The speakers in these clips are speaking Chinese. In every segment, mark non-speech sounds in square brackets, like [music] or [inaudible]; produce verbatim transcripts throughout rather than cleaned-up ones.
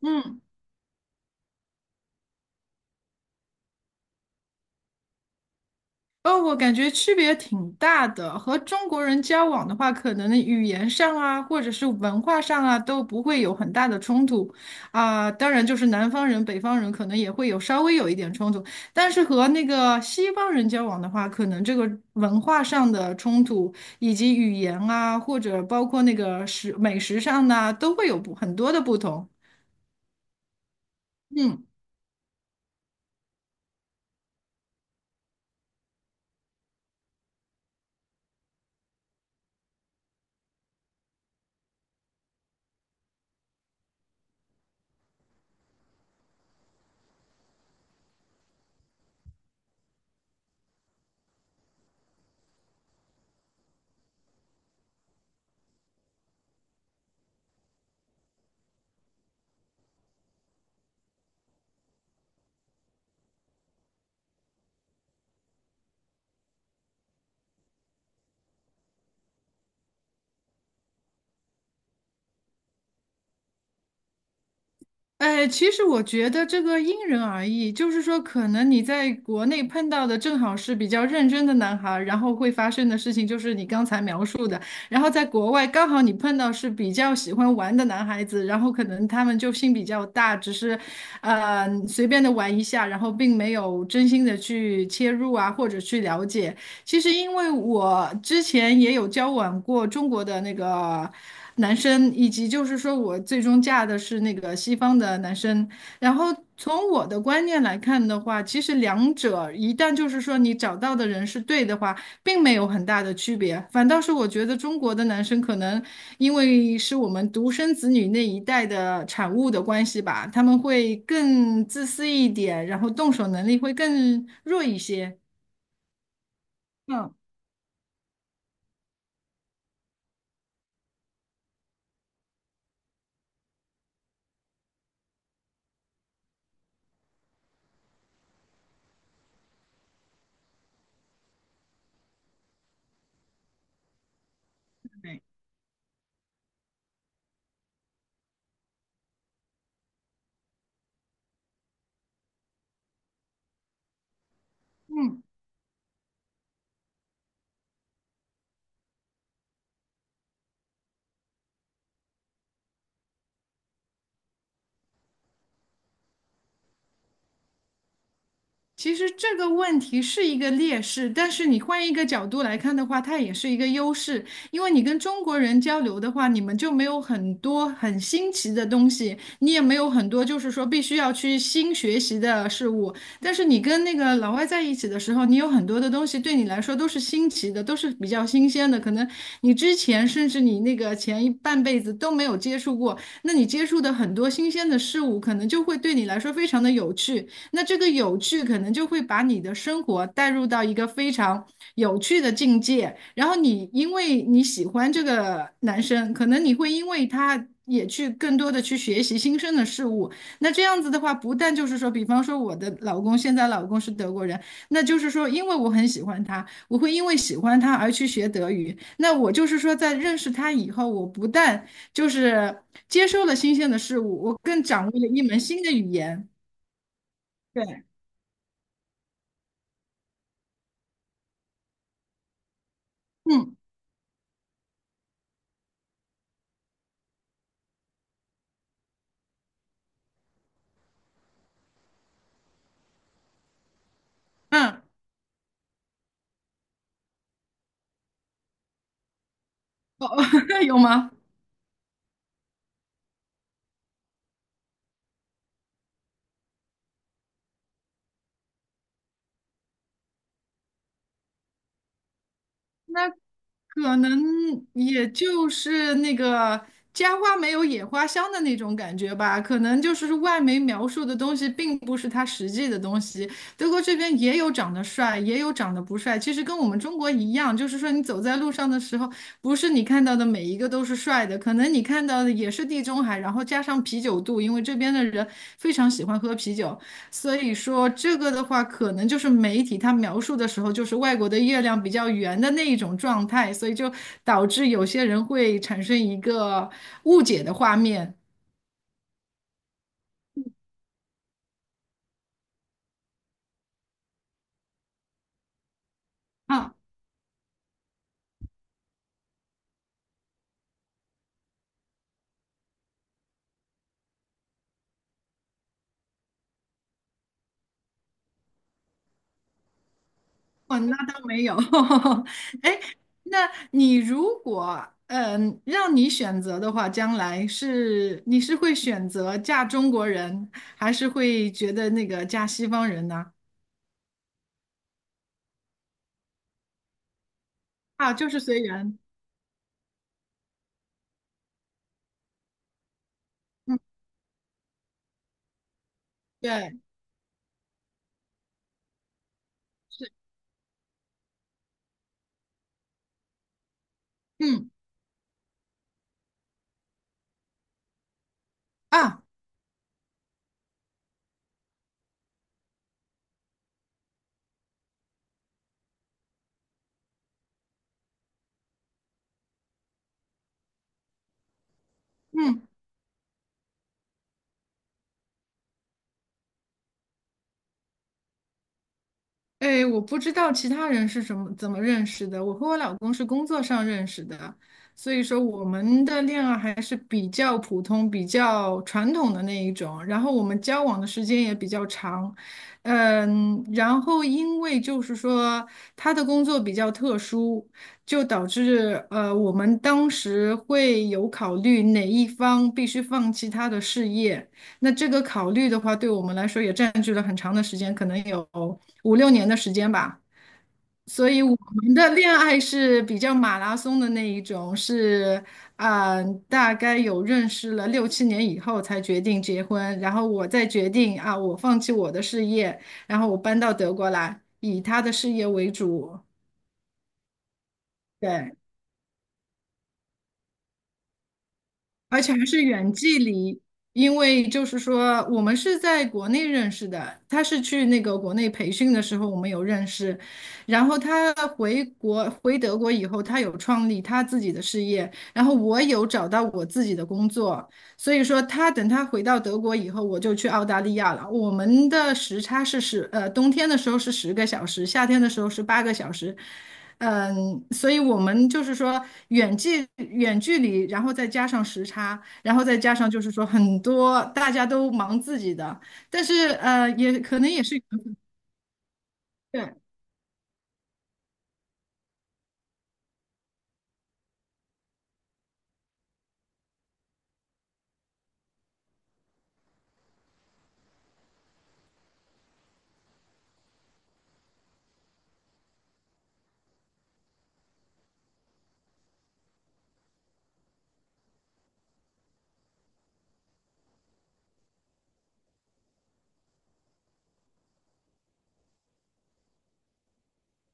嗯，哦，我感觉区别挺大的。和中国人交往的话，可能语言上啊，或者是文化上啊，都不会有很大的冲突啊。当然，就是南方人、北方人可能也会有稍微有一点冲突，但是和那个西方人交往的话，可能这个文化上的冲突，以及语言啊，或者包括那个食美食上呢，都会有不很多的不同。嗯。哎，其实我觉得这个因人而异，就是说，可能你在国内碰到的正好是比较认真的男孩儿，然后会发生的事情就是你刚才描述的，然后在国外刚好你碰到是比较喜欢玩的男孩子，然后可能他们就心比较大，只是，呃，随便的玩一下，然后并没有真心的去切入啊，或者去了解。其实因为我之前也有交往过中国的那个。男生，以及就是说我最终嫁的是那个西方的男生。然后从我的观念来看的话，其实两者一旦就是说你找到的人是对的话，并没有很大的区别。反倒是我觉得中国的男生可能因为是我们独生子女那一代的产物的关系吧，他们会更自私一点，然后动手能力会更弱一些。嗯，对。其实这个问题是一个劣势，但是你换一个角度来看的话，它也是一个优势，因为你跟中国人交流的话，你们就没有很多很新奇的东西，你也没有很多就是说必须要去新学习的事物。但是你跟那个老外在一起的时候，你有很多的东西对你来说都是新奇的，都是比较新鲜的，可能你之前甚至你那个前一半辈子都没有接触过，那你接触的很多新鲜的事物，可能就会对你来说非常的有趣。那这个有趣可能就会把你的生活带入到一个非常有趣的境界，然后你因为你喜欢这个男生，可能你会因为他也去更多的去学习新生的事物。那这样子的话，不但就是说，比方说我的老公现在老公是德国人，那就是说，因为我很喜欢他，我会因为喜欢他而去学德语。那我就是说，在认识他以后，我不但就是接受了新鲜的事物，我更掌握了一门新的语言。对，嗯。嗯，[laughs] 有吗？那可能也就是那个家花没有野花香的那种感觉吧，可能就是外媒描述的东西并不是它实际的东西。德国这边也有长得帅，也有长得不帅，其实跟我们中国一样，就是说你走在路上的时候，不是你看到的每一个都是帅的，可能你看到的也是地中海，然后加上啤酒肚，因为这边的人非常喜欢喝啤酒。所以说这个的话，可能就是媒体它描述的时候，就是外国的月亮比较圆的那一种状态，所以就导致有些人会产生一个误解的画面啊。哦，那倒没有。[laughs] 哎，那你如果嗯让你选择的话，将来是你是会选择嫁中国人，还是会觉得那个嫁西方人呢？啊，就是随缘。嗯，对，是，嗯啊，嗯。哎，我不知道其他人是怎么怎么认识的，我和我老公是工作上认识的，所以说我们的恋爱还是比较普通、比较传统的那一种，然后我们交往的时间也比较长，嗯，然后因为就是说他的工作比较特殊，就导致呃我们当时会有考虑哪一方必须放弃他的事业。那这个考虑的话，对我们来说也占据了很长的时间，可能有五六年的时间吧。所以我们的恋爱是比较马拉松的那一种，是啊、呃大概有认识了六七年以后才决定结婚，然后我再决定啊，我放弃我的事业，然后我搬到德国来，以他的事业为主。对，而且还是远距离，因为就是说我们是在国内认识的，他是去那个国内培训的时候我们有认识，然后他回国回德国以后，他有创立他自己的事业，然后我有找到我自己的工作，所以说他等他回到德国以后，我就去澳大利亚了。我们的时差是十，呃，冬天的时候是十个小时，夏天的时候是八个小时。嗯，所以我们就是说远距远距离，然后再加上时差，然后再加上就是说很多大家都忙自己的，但是呃，也可能也是缘分对，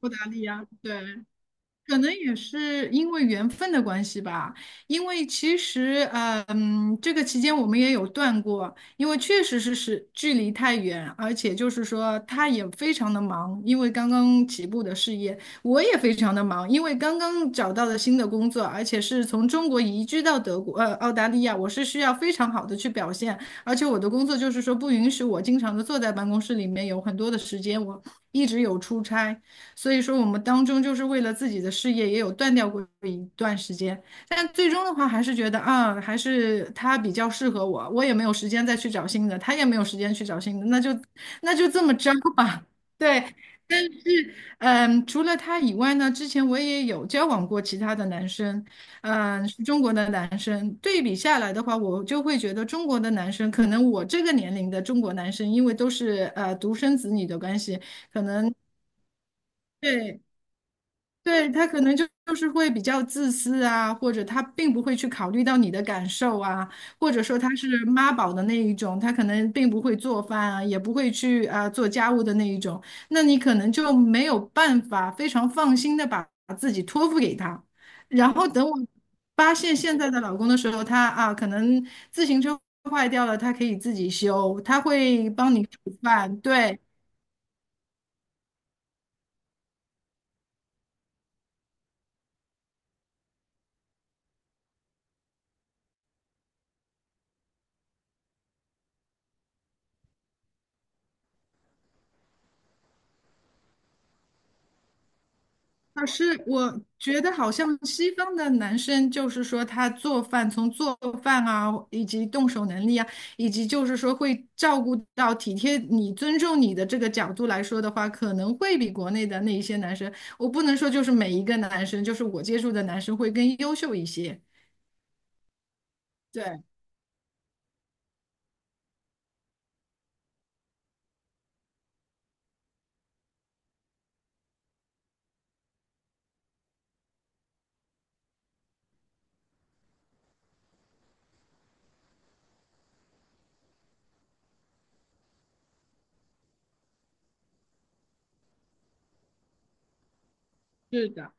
不搭理啊，对，可能也是因为缘分的关系吧，因为其实，呃嗯，这个期间我们也有断过，因为确实是是距离太远，而且就是说他也非常的忙，因为刚刚起步的事业，我也非常的忙，因为刚刚找到了新的工作，而且是从中国移居到德国，呃，澳大利亚，我是需要非常好的去表现，而且我的工作就是说不允许我经常的坐在办公室里面，有很多的时间我一直有出差。所以说，我们当中就是为了自己的事业也有断掉过一段时间，但最终的话还是觉得啊，还是他比较适合我，我也没有时间再去找新的，他也没有时间去找新的，那就那就这么着吧。[laughs] 对，但是嗯，除了他以外呢，之前我也有交往过其他的男生，嗯，是中国的男生。对比下来的话，我就会觉得中国的男生，可能我这个年龄的中国男生，因为都是呃独生子女的关系。对，对，他可能就就是会比较自私啊，或者他并不会去考虑到你的感受啊，或者说他是妈宝的那一种，他可能并不会做饭啊，也不会去啊、做家务的那一种，那你可能就没有办法非常放心的把把自己托付给他。然后等我发现现在的老公的时候，他啊可能自行车坏掉了，他可以自己修，他会帮你煮饭，对。老师，我觉得好像西方的男生，就是说他做饭，从做饭啊，以及动手能力啊，以及就是说会照顾到体贴你、尊重你的这个角度来说的话，可能会比国内的那一些男生，我不能说就是每一个男生，就是我接触的男生会更优秀一些。对，是的。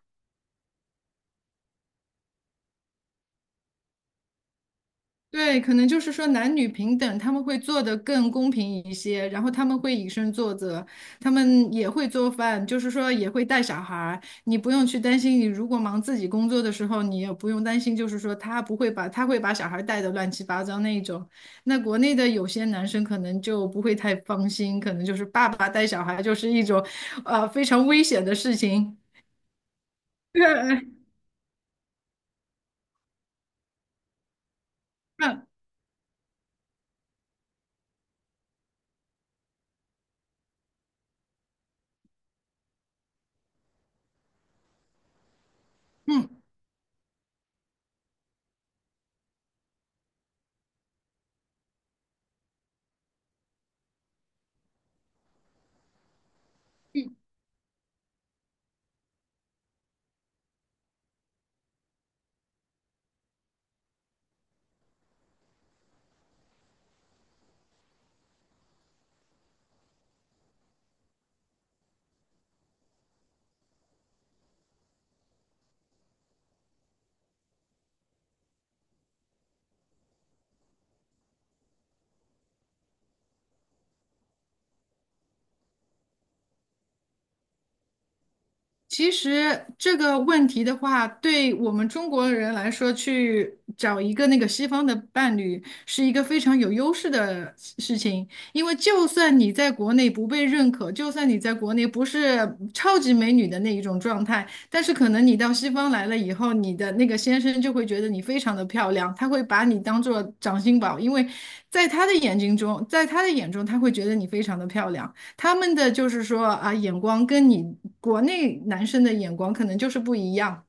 对，可能就是说男女平等，他们会做得更公平一些，然后他们会以身作则，他们也会做饭，就是说也会带小孩儿，你不用去担心，你如果忙自己工作的时候，你也不用担心，就是说他不会把他会把小孩儿带的乱七八糟那一种。那国内的有些男生可能就不会太放心，可能就是爸爸带小孩就是一种，呃，非常危险的事情。[laughs] 对，嗯嗯。其实这个问题的话，对我们中国人来说，去找一个那个西方的伴侣是一个非常有优势的事事情，因为就算你在国内不被认可，就算你在国内不是超级美女的那一种状态，但是可能你到西方来了以后，你的那个先生就会觉得你非常的漂亮，他会把你当做掌心宝，因为在他的眼睛中，在他的眼中，他会觉得你非常的漂亮。他们的就是说啊，眼光跟你国内男生的眼光可能就是不一样，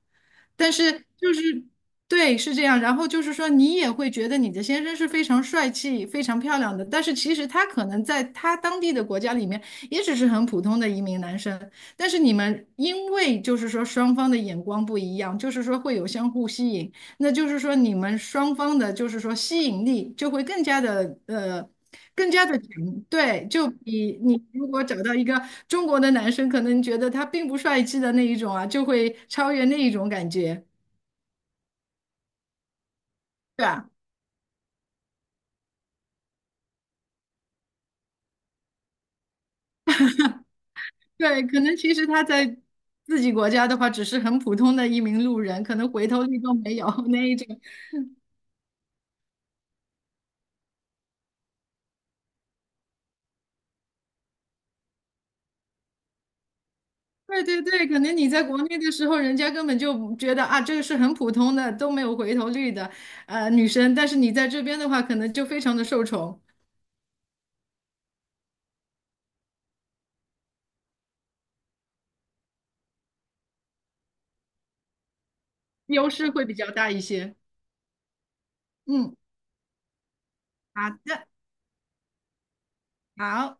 但是就是对，是这样。然后就是说，你也会觉得你的先生是非常帅气、非常漂亮的，但是其实他可能在他当地的国家里面也只是很普通的一名男生。但是你们因为就是说双方的眼光不一样，就是说会有相互吸引，那就是说你们双方的，就是说吸引力就会更加的呃，更加的强。对，就比你如果找到一个中国的男生，可能觉得他并不帅气的那一种啊，就会超越那一种感觉，对吧？对，可能其实他在自己国家的话，只是很普通的一名路人，可能回头率都没有 [laughs] 那一种。对对对，可能你在国内的时候，人家根本就觉得啊，这个是很普通的，都没有回头率的，呃，女生。但是你在这边的话，可能就非常的受宠，优势会比较大一些。嗯，好的，好。